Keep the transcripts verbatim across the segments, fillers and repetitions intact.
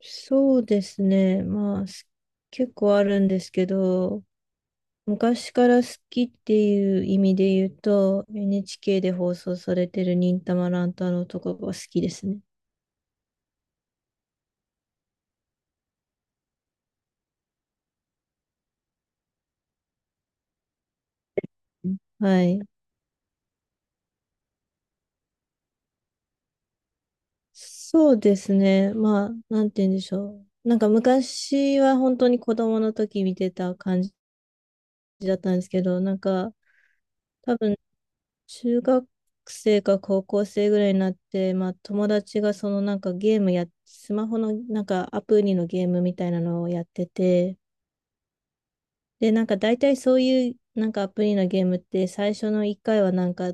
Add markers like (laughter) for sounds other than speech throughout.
そうですね。まあ、す結構あるんですけど、昔から好きっていう意味で言うと、エヌエイチケー で放送されてる忍たま乱太郎とかが好きですね。はい。そうですね。まあ、なんて言うんでしょう。なんか昔は本当に子供の時見てた感じだったんですけど、なんか多分中学生か高校生ぐらいになって、まあ友達がそのなんかゲームや、スマホのなんかアプリのゲームみたいなのをやってて、で、なんか大体そういうなんかアプリのゲームって最初のいっかいはなんか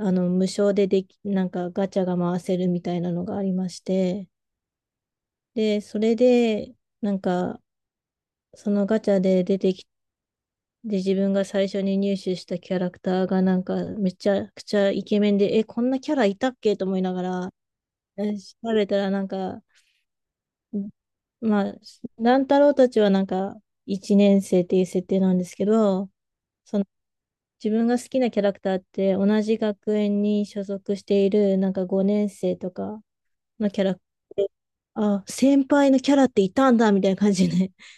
あの無償ででき、なんかガチャが回せるみたいなのがありまして、で、それでなんかそのガチャで出てきて、で、自分が最初に入手したキャラクターがなんかめちゃくちゃイケメンで、え、こんなキャラいたっけと思いながら、出されたらなんか、まあ、乱太郎たちはなんか、一年生っていう設定なんですけど、その自分が好きなキャラクターって同じ学園に所属しているなんかごねん生とかのキャラクターあ、先輩のキャラっていたんだみたいな感じで、(laughs)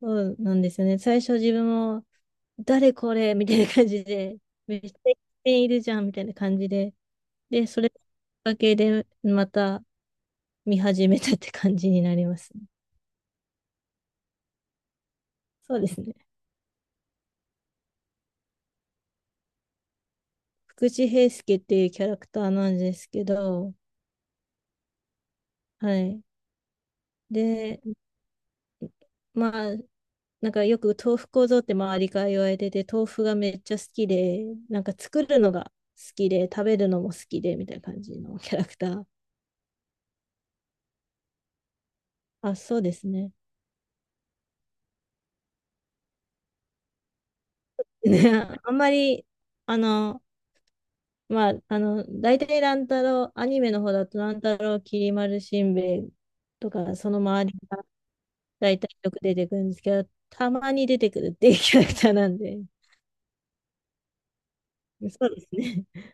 そうなんですよね。最初自分も、誰これみたいな感じで、めっちゃいるじゃんみたいな感じで、で、それだけでまた見始めたって感じになりますね。そうですね。福地平介っていうキャラクターなんですけど、はい。で、まあ、なんかよく豆腐構造って周りから言われてて、豆腐がめっちゃ好きで、なんか作るのが好きで、食べるのも好きで、みたいな感じのキャラクター。あ、そうですね。ね、ああんまり、あの、まあ、あの、大体乱太郎、アニメの方だと乱太郎、きり丸しんべヱとか、その周りが大体よく出てくるんですけど、たまに出てくるっていうキャラクターなんで、そうですね。(laughs)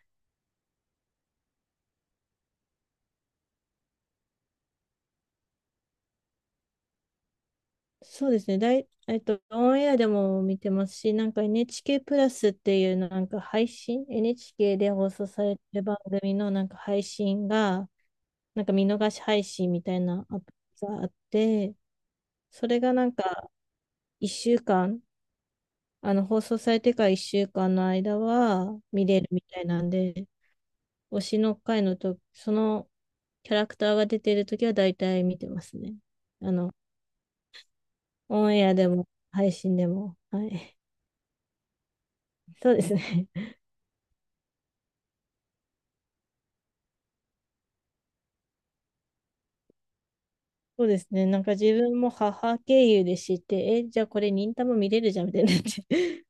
そうですね。だい、えっと、オンエアでも見てますし、なんか エヌエイチケー プラスっていうなんか配信、エヌエイチケー で放送されてる番組のなんか配信が、なんか見逃し配信みたいなアプリがあって、それがなんかいっしゅうかん、あの放送されてからいっしゅうかんの間は見れるみたいなんで、推しの回のと、そのキャラクターが出てるときは大体見てますね。あの、オンエアでも配信でも。はい。そうですね。(laughs) そうですね。なんか自分も母経由で知って、え、じゃあこれ忍たま見れるじゃんみたいになって。(laughs)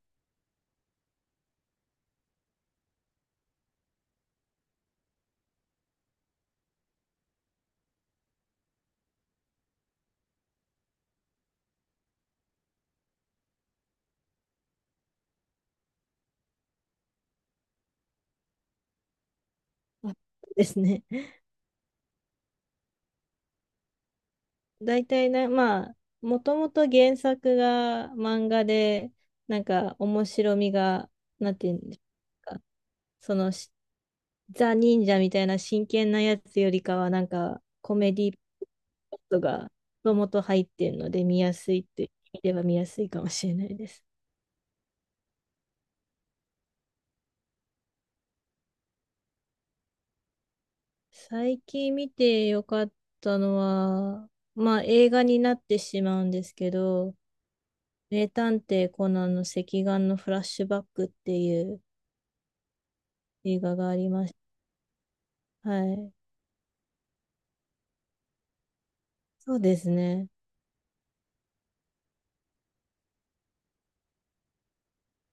あそうですね。大体な、まあ、もともと原作が漫画で、なんか面白みが、なんていうんですか、そのし、ザ・忍者みたいな真剣なやつよりかは、なんかコメディパートがもともと入ってるので、見やすいっていう意味では見やすいかもしれないです。最近見てよかったのは、まあ映画になってしまうんですけど、名探偵コナンの赤眼のフラッシュバックっていう映画がありました。はい。そうですね。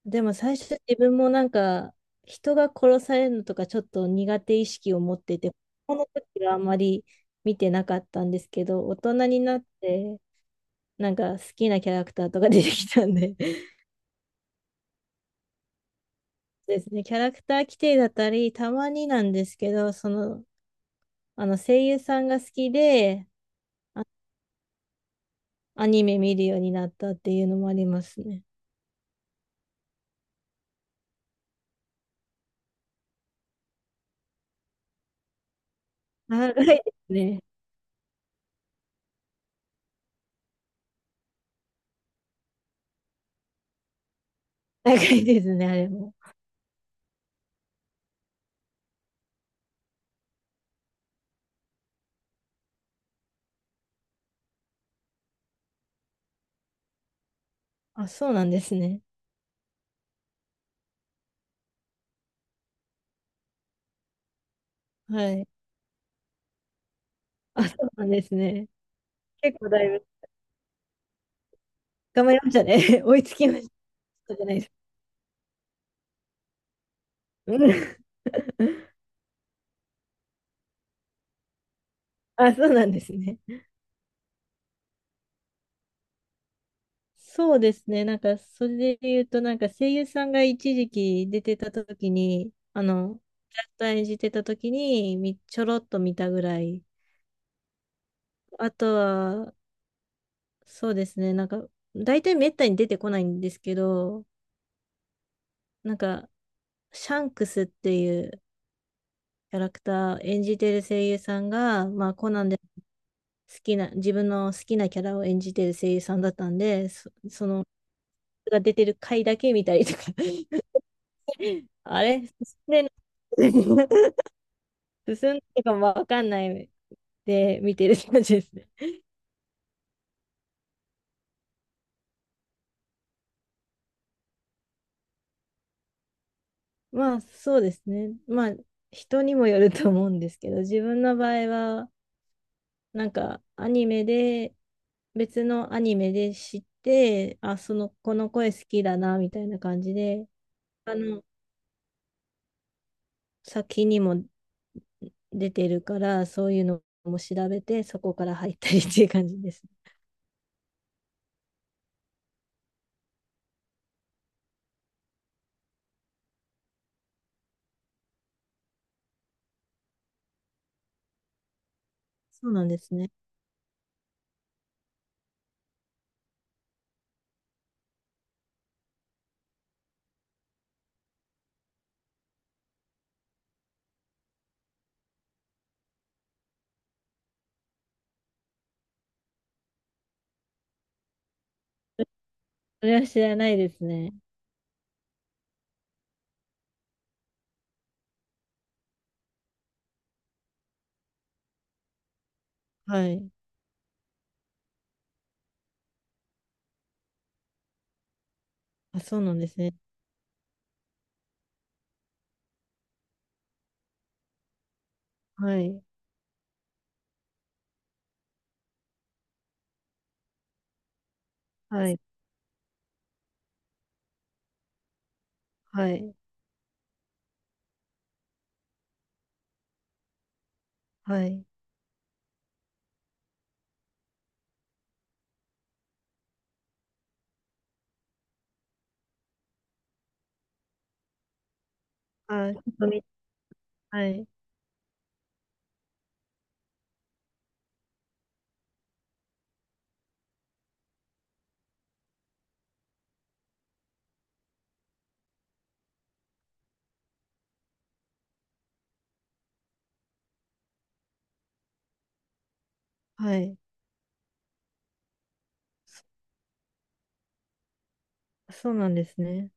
でも最初自分もなんか人が殺されるのとかちょっと苦手意識を持ってて、この時はあまり見てなかったんですけど、大人になってなんか好きなキャラクターとか出てきたんで、そうですね、キャラクター規定だったり、たまになんですけど、その、あの声優さんが好きで、アニメ見るようになったっていうのもありますね。長いですね。長いですね、あれも。あ、そうなんですね。はい。あ、そうなんですね。結構だいぶ頑張りましたね。(laughs) 追いつきましたじゃないですか。うん。 (laughs) あ、そうなんですね。そうですね。なんか、それで言うと、なんか声優さんが一時期出てた時に、あの、キャラクター演じてた時に、みちょろっと見たぐらい。あとは、そうですね。なんか、大体めったに出てこないんですけど、なんか、シャンクスっていうキャラクター演じてる声優さんが、まあ、コナンで好きな、自分の好きなキャラを演じてる声優さんだったんで、そ、その、が出てる回だけ見たりとか。 (laughs) あれ進んでない (laughs) 進んでるかもわかんないで見てる感じですね。まあそうですね。まあ人にもよると思うんですけど、自分の場合はなんかアニメで別のアニメで知って、あ、そのこの声好きだなみたいな感じで、あの先にも出てるからそういうのも調べてそこから入ったりっていう感じですね。そうなんですね。それは知らないですね。はい。あ、そうなんですね。はい。はい。はい。はい。あ、ちょっとみ、はい。はい。そうなんですね。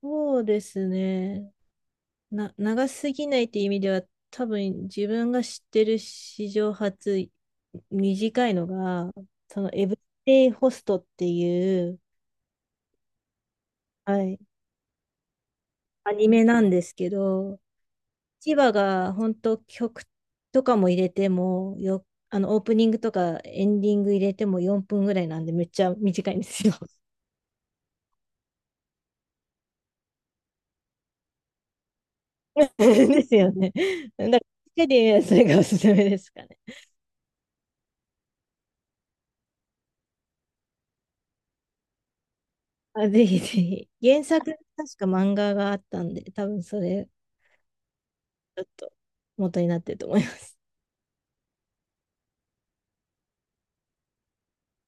そうですね。な、長すぎないっていう意味では、多分自分が知ってる史上初短いのが、そのエブリデイホストっていう、はい、アニメなんですけど、いちわが本当曲とかも入れてもよ、あのオープニングとかエンディング入れてもよんぷんぐらいなんでめっちゃ短いんですよ。(laughs) ですよね。だから、手でそれがおすすめですかね。あ、ぜひぜひ。原作、確か漫画があったんで、多分それ、ちょっと元になってると思います。